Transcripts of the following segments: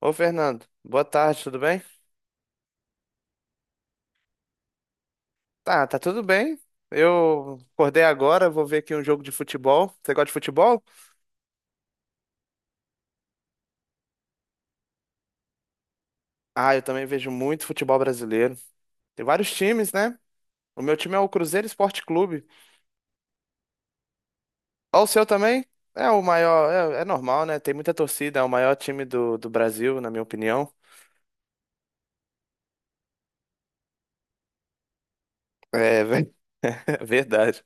Ô, Fernando, boa tarde, tudo bem? Tá tudo bem. Eu acordei agora, vou ver aqui um jogo de futebol. Você gosta de futebol? Ah, eu também vejo muito futebol brasileiro. Tem vários times, né? O meu time é o Cruzeiro Esporte Clube. Ó, o seu também? É o maior, é normal, né? Tem muita torcida, é o maior time do Brasil, na minha opinião. É, verdade.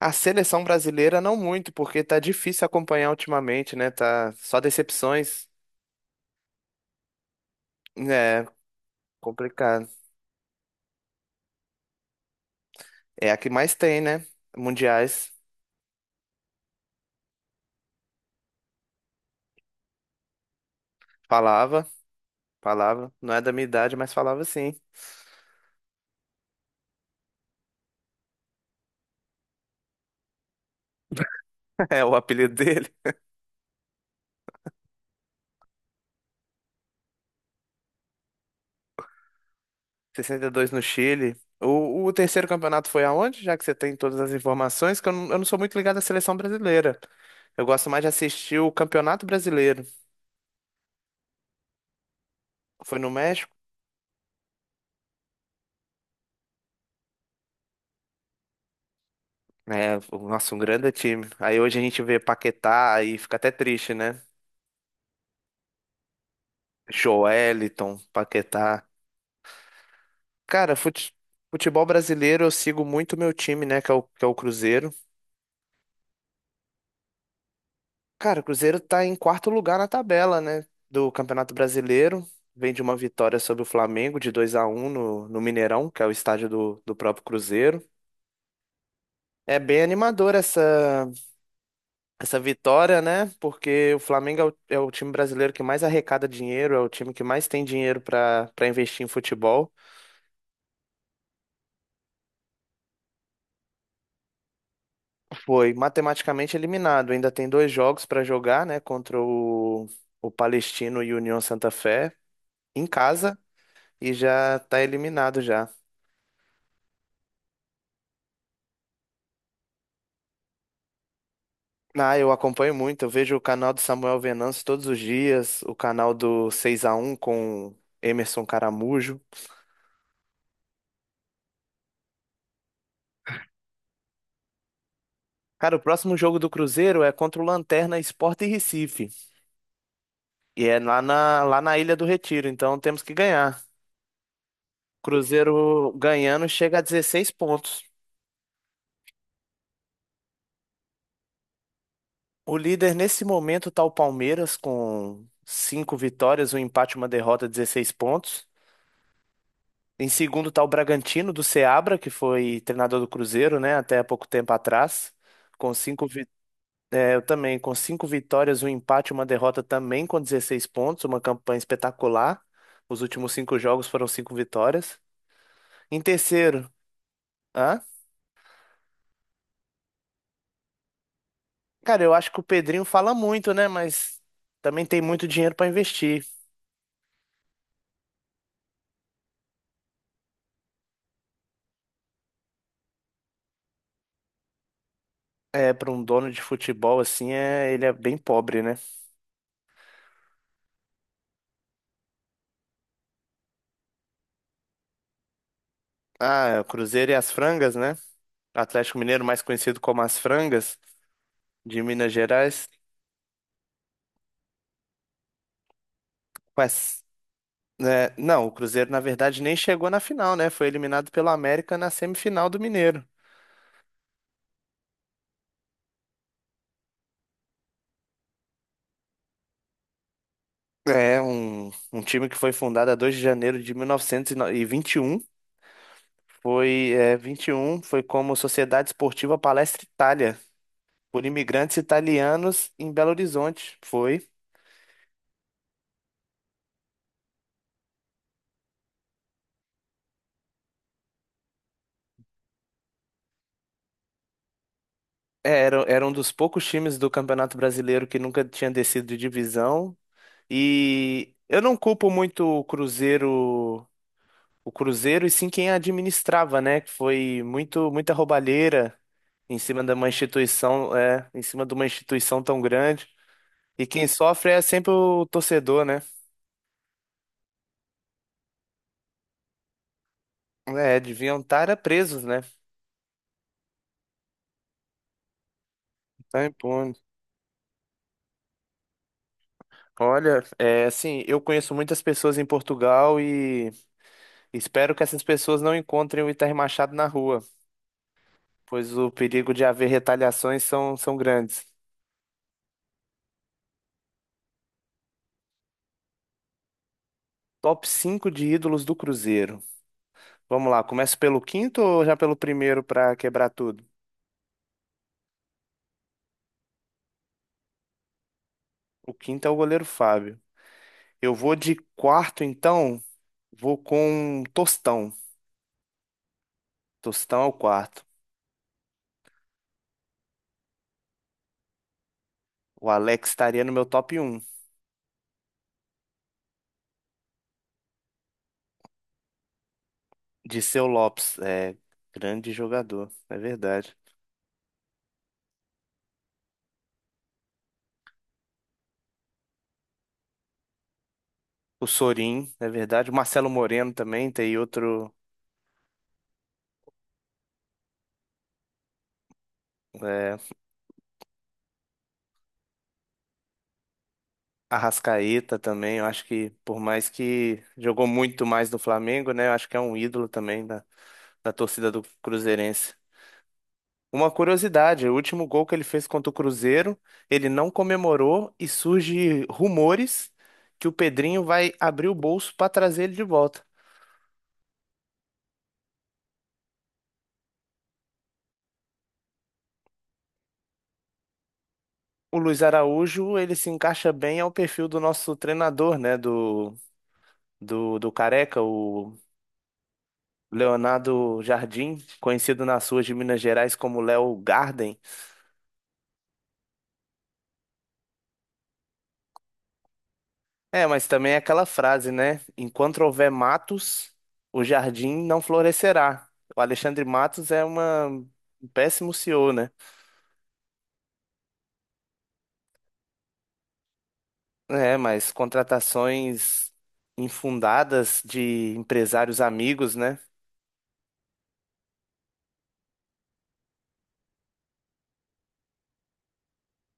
A seleção brasileira não muito, porque tá difícil acompanhar ultimamente, né? Tá só decepções. É complicado. É a que mais tem, né? Mundiais. Falava, falava. Não é da minha idade, mas falava sim. É o apelido dele. 62 no Chile. O terceiro campeonato foi aonde? Já que você tem todas as informações, que eu não sou muito ligado à seleção brasileira. Eu gosto mais de assistir o Campeonato Brasileiro. Foi no México? É, nossa, um grande time. Aí hoje a gente vê Paquetá e fica até triste, né? Joeliton, Paquetá. Cara, fute- futebol brasileiro eu sigo muito meu time, né? Que é o Cruzeiro. Cara, o Cruzeiro tá em quarto lugar na tabela, né, do Campeonato Brasileiro. Vem de uma vitória sobre o Flamengo de 2-1 no Mineirão, que é o estádio do próprio Cruzeiro. É bem animador essa vitória, né? Porque o Flamengo é é o time brasileiro que mais arrecada dinheiro, é o time que mais tem dinheiro para investir em futebol. Foi matematicamente eliminado, ainda tem dois jogos para jogar, né? Contra o Palestino e o União Santa Fé, em casa, e já tá eliminado já. Ah, eu acompanho muito. Eu vejo o canal do Samuel Venâncio todos os dias, o canal do 6-1 com Emerson Caramujo. Cara, o próximo jogo do Cruzeiro é contra o Lanterna Sport e Recife. E é lá na Ilha do Retiro, então temos que ganhar. Cruzeiro ganhando chega a 16 pontos. O líder nesse momento tá o Palmeiras com 5 vitórias, um empate, uma derrota, 16 pontos. Em segundo tá o Bragantino do Seabra, que foi treinador do Cruzeiro, né, até há pouco tempo atrás, com cinco vi- é, eu também, com cinco vitórias, um empate, uma derrota também com 16 pontos, uma campanha espetacular. Os últimos cinco jogos foram cinco vitórias. Em terceiro, hã? Cara, eu acho que o Pedrinho fala muito, né, mas também tem muito dinheiro para investir. É, para um dono de futebol assim, é, ele é bem pobre, né? Ah, o Cruzeiro e as Frangas, né? Atlético Mineiro, mais conhecido como as Frangas de Minas Gerais. Mas, né, não, o Cruzeiro, na verdade, nem chegou na final, né? Foi eliminado pelo América na semifinal do Mineiro. É, um time que foi fundado a 2 de janeiro de mil novecentos e vinte e um. Foi, é, 21, foi como Sociedade Esportiva Palestra Itália, por imigrantes italianos em Belo Horizonte. Foi. É, era um dos poucos times do Campeonato Brasileiro que nunca tinha descido de divisão. E eu não culpo muito o Cruzeiro e sim quem a administrava, né? Que foi muita roubalheira em cima de uma instituição, em cima de uma instituição tão grande. E quem sofre é sempre o torcedor, né? É, deviam estar presos, né? Tá impune. Olha, é assim, eu conheço muitas pessoas em Portugal e espero que essas pessoas não encontrem o Itamar Machado na rua, pois o perigo de haver retaliações são grandes. Top 5 de ídolos do Cruzeiro. Vamos lá, começa pelo quinto ou já pelo primeiro para quebrar tudo? O quinto é o goleiro Fábio. Eu vou de quarto, então, vou com Tostão. Tostão é o quarto. O Alex estaria no meu top um. Dirceu Lopes, é grande jogador, é verdade. O Sorin, é verdade. O Marcelo Moreno também, tem outro. É, Arrascaeta também, eu acho que, por mais que jogou muito mais no Flamengo, né? Eu acho que é um ídolo também da torcida do Cruzeirense. Uma curiosidade, o último gol que ele fez contra o Cruzeiro, ele não comemorou e surge rumores que o Pedrinho vai abrir o bolso para trazer ele de volta. O Luiz Araújo, ele se encaixa bem ao perfil do nosso treinador, né, do Careca, o Leonardo Jardim, conhecido nas ruas de Minas Gerais como Léo Garden. É, mas também é aquela frase, né? Enquanto houver matos, o jardim não florescerá. O Alexandre Matos é uma... um péssimo CEO, né? É, mas contratações infundadas de empresários amigos, né?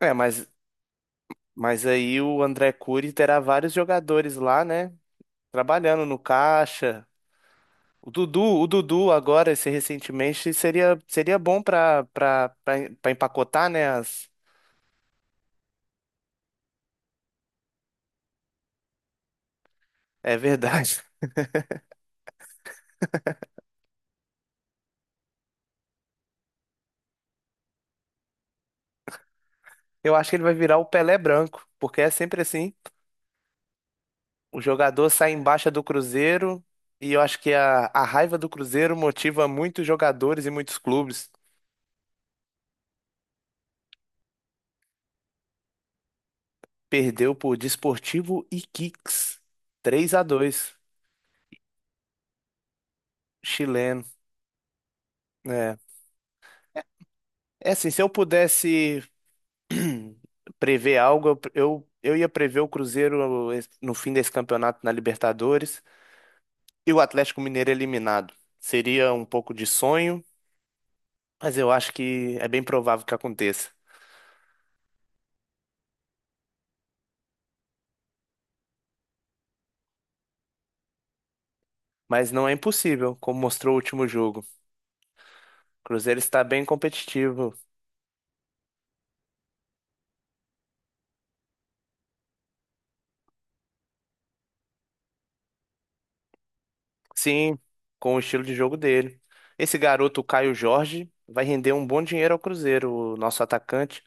É, mas aí o André Cury terá vários jogadores lá, né? Trabalhando no caixa. O Dudu agora, esse recentemente, seria bom para empacotar, né? As... É verdade. Eu acho que ele vai virar o Pelé branco, porque é sempre assim. O jogador sai em baixa do Cruzeiro e eu acho que a raiva do Cruzeiro motiva muitos jogadores e muitos clubes. Perdeu por Desportivo Iquiques, 3-2, chileno. É. É assim, se eu pudesse prever algo, eu ia prever o Cruzeiro no fim desse campeonato na Libertadores e o Atlético Mineiro eliminado. Seria um pouco de sonho, mas eu acho que é bem provável que aconteça. Mas não é impossível, como mostrou o último jogo. O Cruzeiro está bem competitivo. Sim, com o estilo de jogo dele. Esse garoto, o Caio Jorge, vai render um bom dinheiro ao Cruzeiro, o nosso atacante.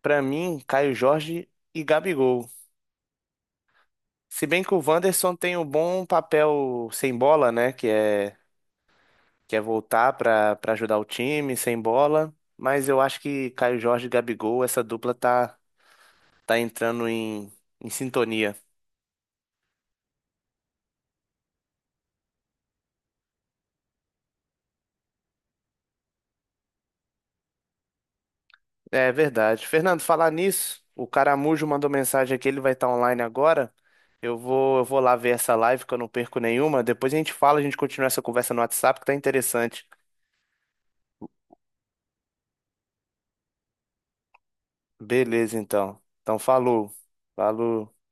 Para mim, Caio Jorge e Gabigol. Se bem que o Wanderson tem um bom papel sem bola, né? Que é voltar para ajudar o time sem bola. Mas eu acho que Caio Jorge e Gabigol, essa dupla tá entrando em sintonia. É verdade. Fernando, falar nisso, o Caramujo mandou mensagem aqui, ele vai estar online agora. Eu vou lá ver essa live que eu não perco nenhuma. Depois a gente fala, a gente continua essa conversa no WhatsApp que tá interessante. Beleza, então. Então, falou. Falou.